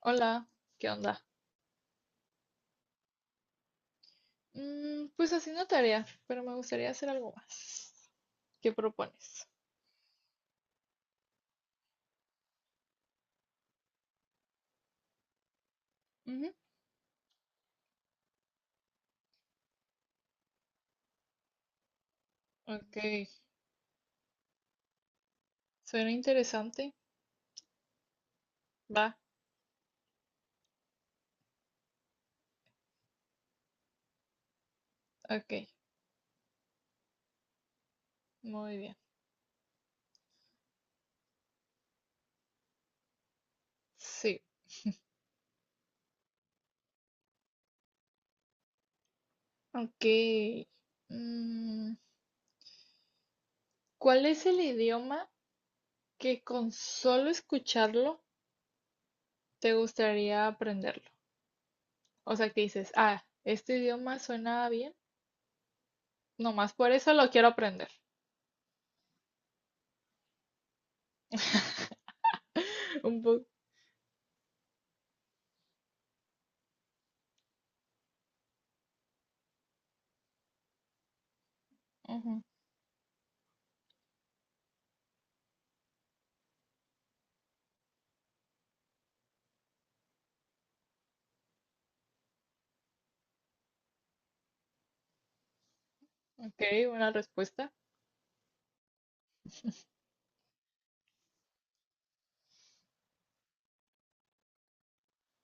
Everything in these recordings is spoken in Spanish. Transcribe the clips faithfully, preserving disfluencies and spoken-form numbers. Hola, ¿qué onda? Mm, pues haciendo tarea, pero me gustaría hacer algo más. ¿Qué propones? Ujú. Ok, suena interesante. Va, ok, muy bien. Sí, ok. Mm, ¿Cuál es el idioma que con solo escucharlo te gustaría aprenderlo? O sea, que dices, ah, este idioma suena bien, nomás por eso lo quiero aprender. Un poco. Ujú. Ok, una respuesta.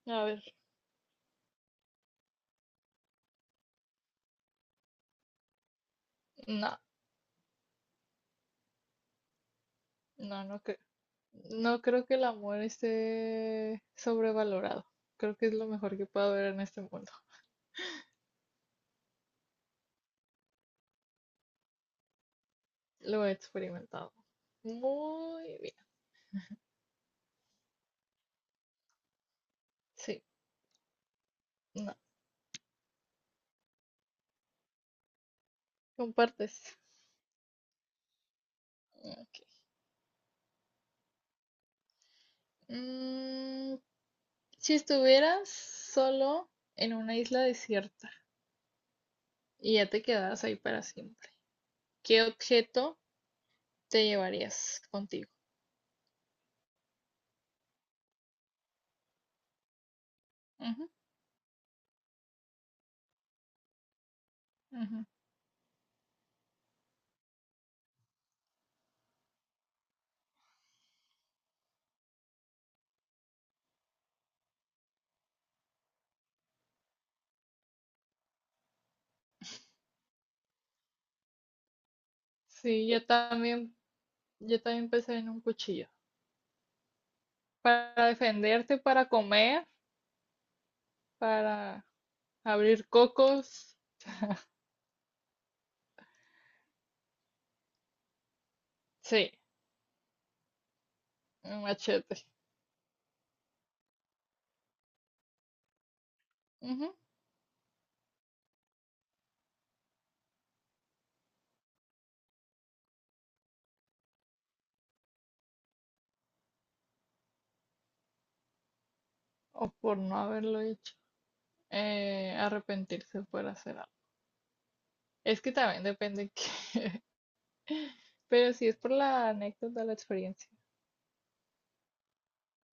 A ver, no, no, no creo. No creo que el amor esté sobrevalorado. Creo que es lo mejor que puedo ver en este mundo. Lo he experimentado. Muy bien. Sí, no. Compartes. Ok. Mm, si estuvieras solo en una isla desierta y ya te quedas ahí para siempre, ¿qué objeto te llevarías contigo? Ujú, ujú. Sí, yo también, yo también pensé en un cuchillo. Para defenderte, para comer, para abrir cocos, sí, un machete. Ujú. O por no haberlo hecho. Eh, arrepentirse por hacer algo. Es que también depende qué. Pero si es por la anécdota, la experiencia,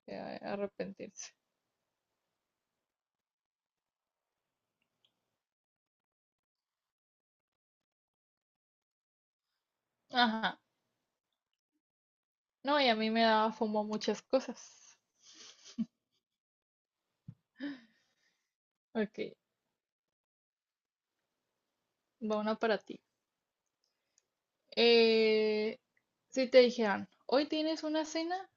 eh, arrepentirse. Ajá. No, y a mí me daba fomo muchas cosas. Ok, va una para ti. Eh, si te dijeran, hoy tienes una cena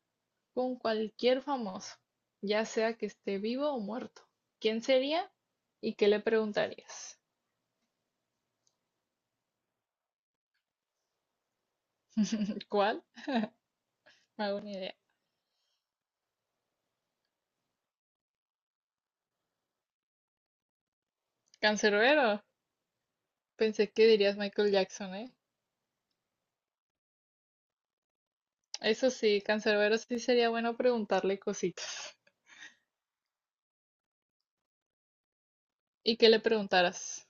con cualquier famoso, ya sea que esté vivo o muerto. ¿Quién sería y qué le preguntarías? ¿Cuál? No hago ni idea. ¿Cancerbero? Pensé que dirías Michael Jackson, ¿eh? Eso sí, Cancerbero sí sería bueno preguntarle cositas. ¿Y qué le preguntaras?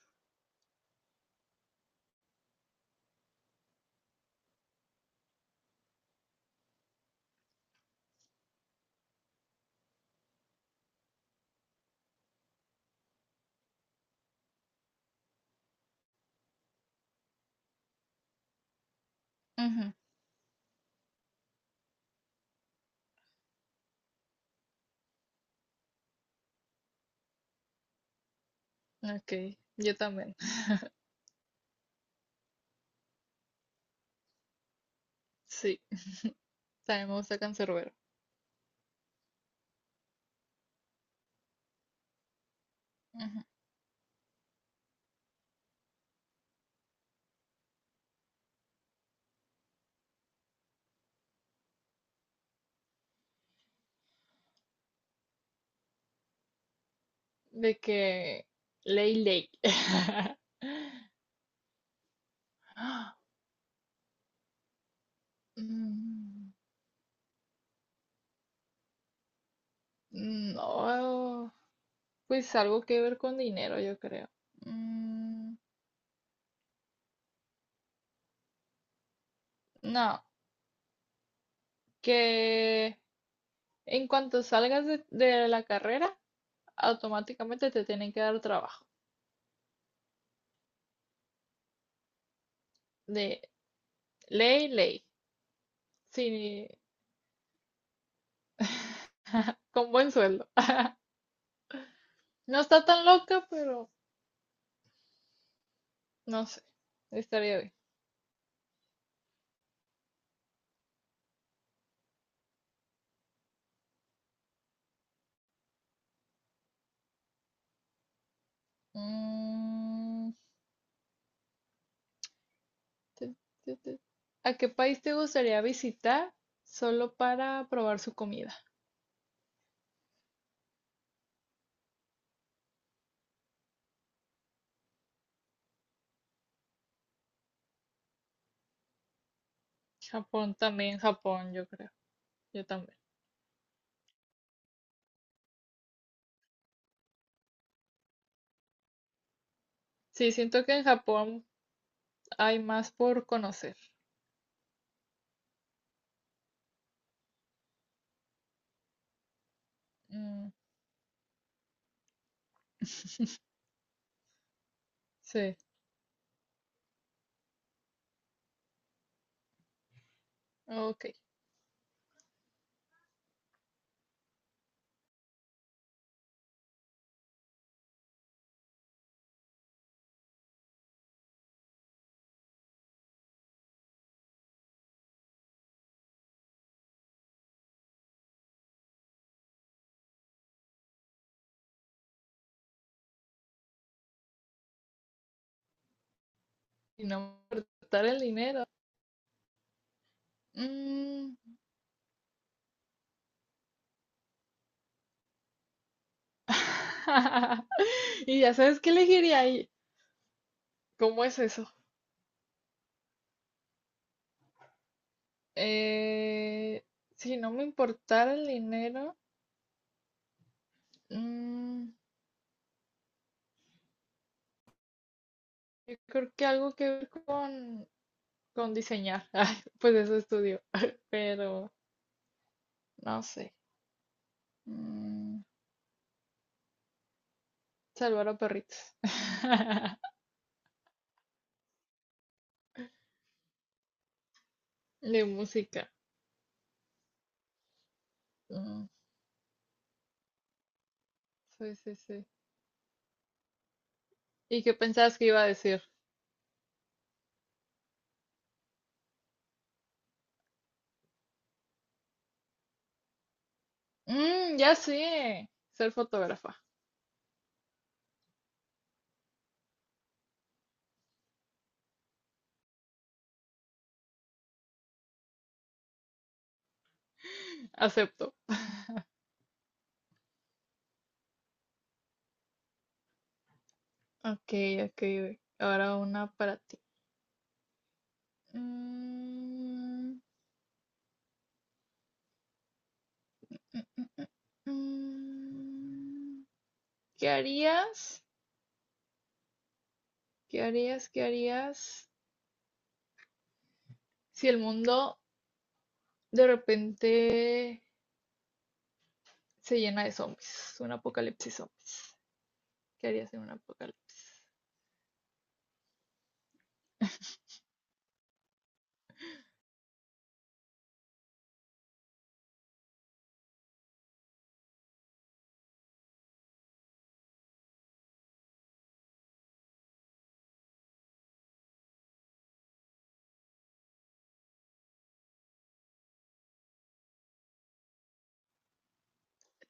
Ujú. Ok, yo también. Sí, también me gusta Cancerbero. Ujú. De que... Ley, ley. No. Pues algo que ver con dinero, yo creo. Mm, no, que en cuanto salgas de, de la carrera, automáticamente te tienen que dar trabajo. De ley, ley. Sí, con buen sueldo. No está tan loca, pero no sé. Estaría bien. Mm, tu, tu, tu. ¿A qué país te gustaría visitar solo para probar su comida? Japón también, Japón, yo creo. Yo también. Sí, siento que en Japón hay más por conocer. Mm. Sí, ok. Y no importar el dinero. Mm. Y ya sabes qué elegiría ahí. ¿Cómo es eso? Eh, si no me importara el dinero, mm, yo creo que algo que ver con, con diseñar. Ay, pues eso estudio. Pero no sé. Mm, salvar a perritos. De música. Mm, sí, sí, sí. ¿Y qué pensabas que iba a decir? "Mm, ya sé, ser fotógrafa. Acepto. Ok, ok. Ahora una para ti. Mm, mm, mm, mm. ¿Qué harías? ¿Qué harías? ¿Qué harías si el mundo de repente se llena de zombies? Un apocalipsis zombies. ¿Qué harías en un apocalipsis?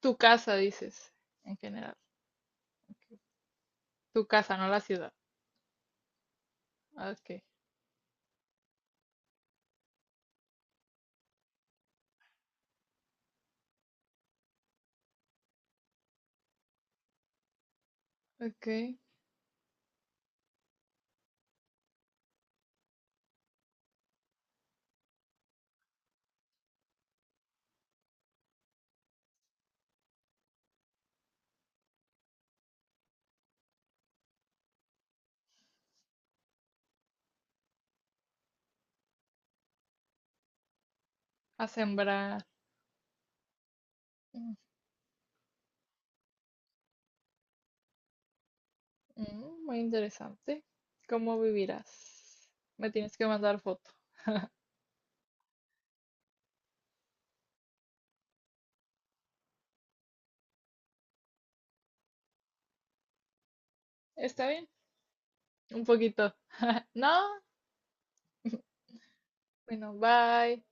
Tu casa, dices, en general. Ok. Tu casa, no la ciudad. Ah, ok, ok. A sembrar. Ujú, muy interesante. ¿Cómo vivirás? Me tienes que mandar foto. ¿Está bien? Un poquito. ¿No? Bueno, bye.